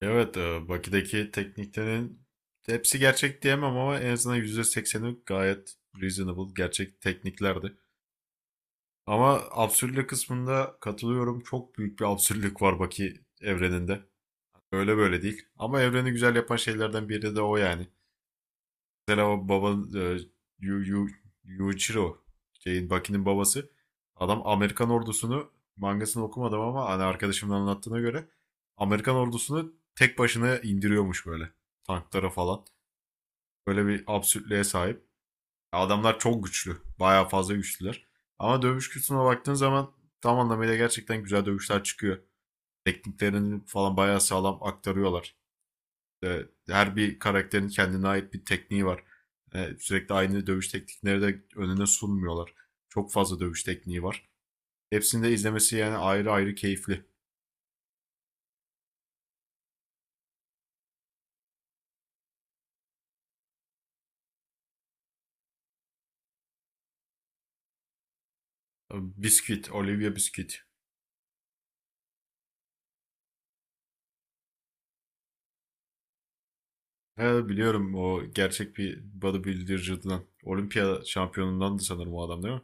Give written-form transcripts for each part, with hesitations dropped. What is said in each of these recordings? Evet, Baki'deki tekniklerin hepsi gerçek diyemem ama en azından %80'i gayet reasonable, gerçek tekniklerdi. Ama absürtlük kısmında katılıyorum. Çok büyük bir absürtlük var Baki evreninde. Öyle böyle değil. Ama evreni güzel yapan şeylerden biri de o yani. Mesela o babanın Yu, Yu, Yuichiro şeyin Baki'nin babası, adam Amerikan ordusunu, mangasını okumadım ama hani arkadaşımın anlattığına göre Amerikan ordusunu tek başına indiriyormuş, böyle tanklara falan. Böyle bir absürtlüğe sahip. Adamlar çok güçlü. Bayağı fazla güçlüler. Ama dövüş kültürüne baktığın zaman tam anlamıyla gerçekten güzel dövüşler çıkıyor. Tekniklerini falan bayağı sağlam aktarıyorlar. E, her bir karakterin kendine ait bir tekniği var. Sürekli aynı dövüş teknikleri de önüne sunmuyorlar. Çok fazla dövüş tekniği var. Hepsini de izlemesi yani ayrı ayrı keyifli. Biscuit, Olivia Biscuit. He, biliyorum, o gerçek bir bodybuilder'cıdan. Olimpiya şampiyonundan da sanırım o adam, değil mi?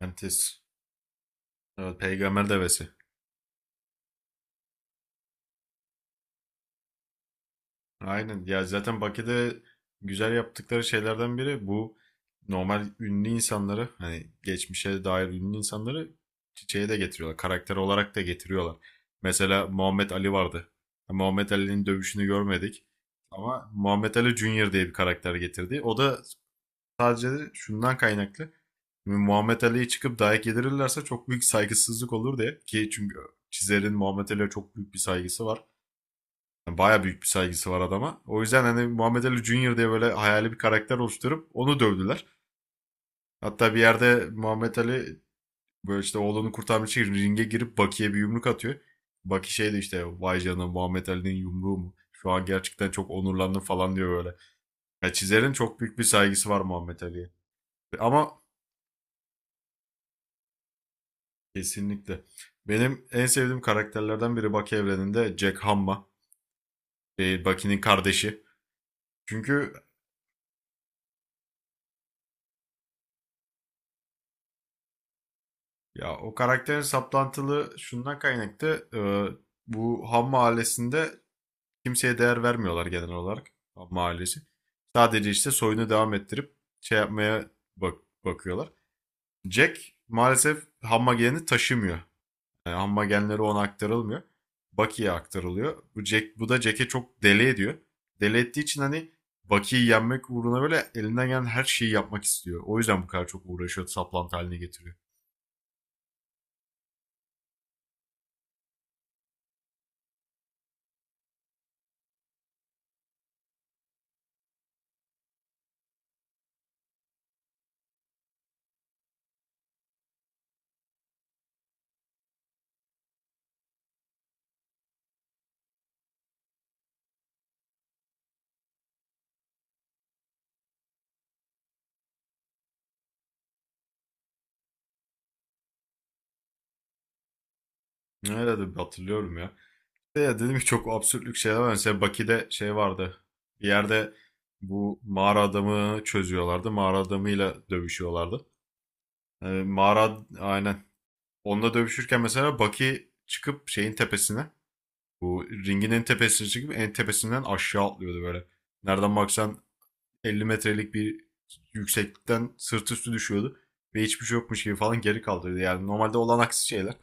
Antis. Evet, peygamber devesi. Aynen. Ya zaten Bakü'de güzel yaptıkları şeylerden biri bu, normal ünlü insanları, hani geçmişe dair ünlü insanları çiçeğe de getiriyorlar. Karakter olarak da getiriyorlar. Mesela Muhammed Ali vardı. Muhammed Ali'nin dövüşünü görmedik. Ama Muhammed Ali Junior diye bir karakter getirdi. O da sadece şundan kaynaklı. Şimdi Muhammed Ali'yi çıkıp dayak yedirirlerse çok büyük saygısızlık olur diye. Ki çünkü çizerin Muhammed Ali'ye çok büyük bir saygısı var. Yani baya büyük bir saygısı var adama. O yüzden hani Muhammed Ali Junior diye böyle hayali bir karakter oluşturup onu dövdüler. Hatta bir yerde Muhammed Ali böyle işte oğlunu kurtarmak için ringe girip Baki'ye bir yumruk atıyor. Baki şey de işte, vay canına, Muhammed Ali'nin yumruğu mu? Şu an gerçekten çok onurlandım falan diyor böyle. Ya çizerin çok büyük bir saygısı var Muhammed Ali'ye. Ama kesinlikle. Benim en sevdiğim karakterlerden biri Baki evreninde Jack Hamma. Şey, Baki'nin kardeşi. Çünkü ya o karakterin saplantılı şundan kaynaklı. Bu Ham mahallesinde kimseye değer vermiyorlar genel olarak. Ham mahallesi. Sadece işte soyunu devam ettirip şey yapmaya bak bakıyorlar. Jack maalesef Ham magenini taşımıyor. Amma genleri ona aktarılmıyor. Bucky'ye aktarılıyor. Jack, bu da Jack'e çok deli ediyor. Deli ettiği için hani Bucky'yi yenmek uğruna böyle elinden gelen her şeyi yapmak istiyor. O yüzden bu kadar çok uğraşıyor, saplantı haline getiriyor. Nerede hatırlıyorum ya. De ya dedim ki çok absürtlük şeyler var. Mesela Baki'de şey vardı. Bir yerde bu mağara adamı çözüyorlardı. Mağara adamıyla dövüşüyorlardı. Mağara aynen. Onunla dövüşürken mesela Baki çıkıp şeyin tepesine. Bu ringin en tepesine çıkıp en tepesinden aşağı atlıyordu böyle. Nereden baksan 50 metrelik bir yükseklikten sırt üstü düşüyordu. Ve hiçbir şey yokmuş gibi falan geri kaldırıyordu. Yani normalde olan aksi şeyler.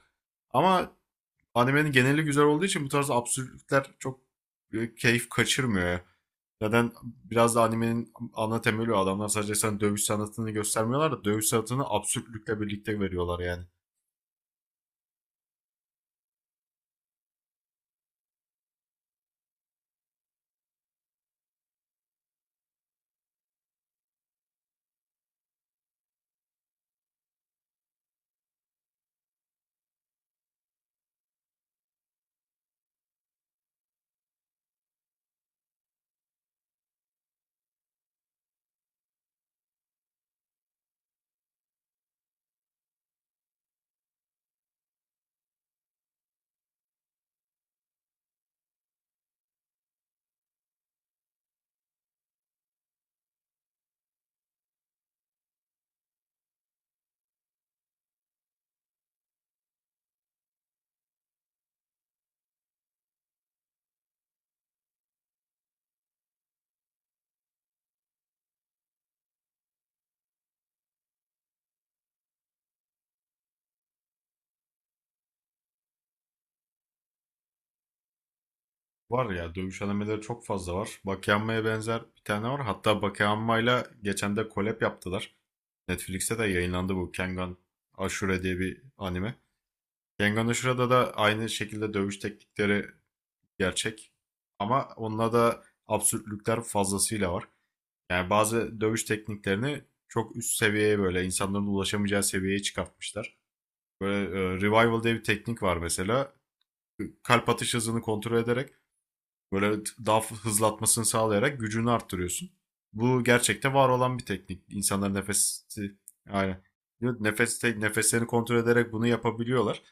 Ama animenin geneli güzel olduğu için bu tarz absürtlükler çok keyif kaçırmıyor ya. Zaten biraz da animenin ana temeli o. Adamlar sadece sen dövüş sanatını göstermiyorlar da dövüş sanatını absürtlükle birlikte veriyorlar yani. Var ya, dövüş animeleri çok fazla var. Bakeyanma'ya benzer bir tane var. Hatta Bakeyanma'yla geçen de collab yaptılar. Netflix'te de yayınlandı, bu Kengan Ashura diye bir anime. Kengan Ashura'da da aynı şekilde dövüş teknikleri gerçek. Ama onda da absürtlükler fazlasıyla var. Yani bazı dövüş tekniklerini çok üst seviyeye, böyle insanların ulaşamayacağı seviyeye çıkartmışlar. Böyle revival diye bir teknik var mesela. Kalp atış hızını kontrol ederek, böyle daha hızlatmasını sağlayarak gücünü arttırıyorsun. Bu gerçekte var olan bir teknik. İnsanlar nefesi aynen. Nefeslerini kontrol ederek bunu yapabiliyorlar.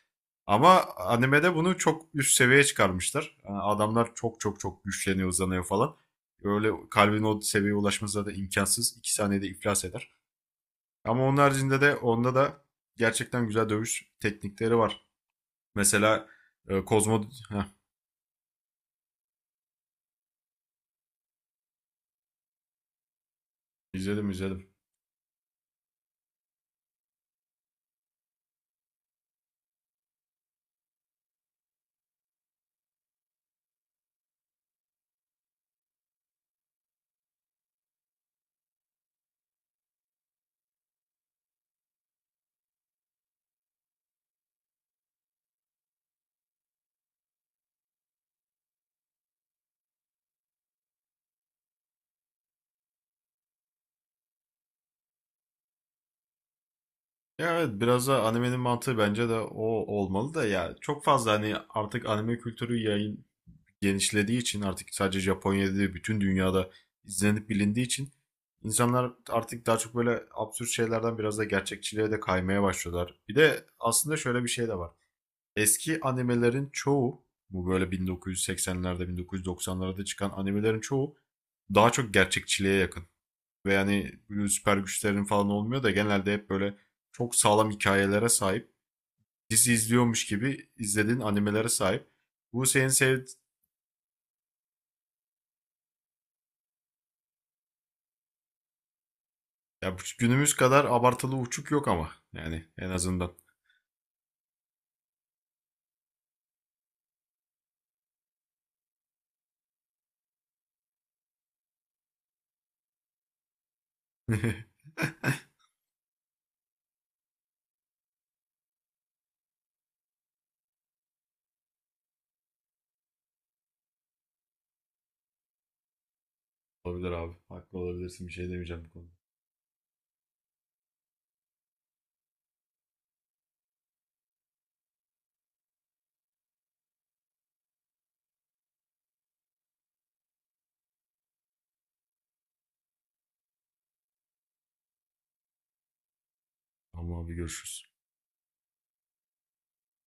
Ama animede bunu çok üst seviyeye çıkarmışlar. Yani adamlar çok çok çok güçleniyor, uzanıyor falan. Öyle kalbin o seviyeye ulaşması da imkansız. 2 saniyede iflas eder. Ama onun haricinde de onda da gerçekten güzel dövüş teknikleri var. Mesela Kozmo... Heh, izledim, izledim. Ya evet, biraz da animenin mantığı bence de o olmalı da, ya çok fazla, hani artık anime kültürü yayın genişlediği için, artık sadece Japonya'da değil bütün dünyada izlenip bilindiği için insanlar artık daha çok böyle absürt şeylerden biraz da gerçekçiliğe de kaymaya başlıyorlar. Bir de aslında şöyle bir şey de var. Eski animelerin çoğu, bu böyle 1980'lerde 1990'larda çıkan animelerin çoğu daha çok gerçekçiliğe yakın ve yani süper güçlerin falan olmuyor da genelde hep böyle çok sağlam hikayelere sahip. Dizi izliyormuş gibi izlediğin animelere sahip. Bu senin sev ya günümüz kadar abartılı uçuk yok ama yani en azından. Olabilir abi. Haklı olabilirsin. Bir şey demeyeceğim bu konuda. Tamam abi, görüşürüz.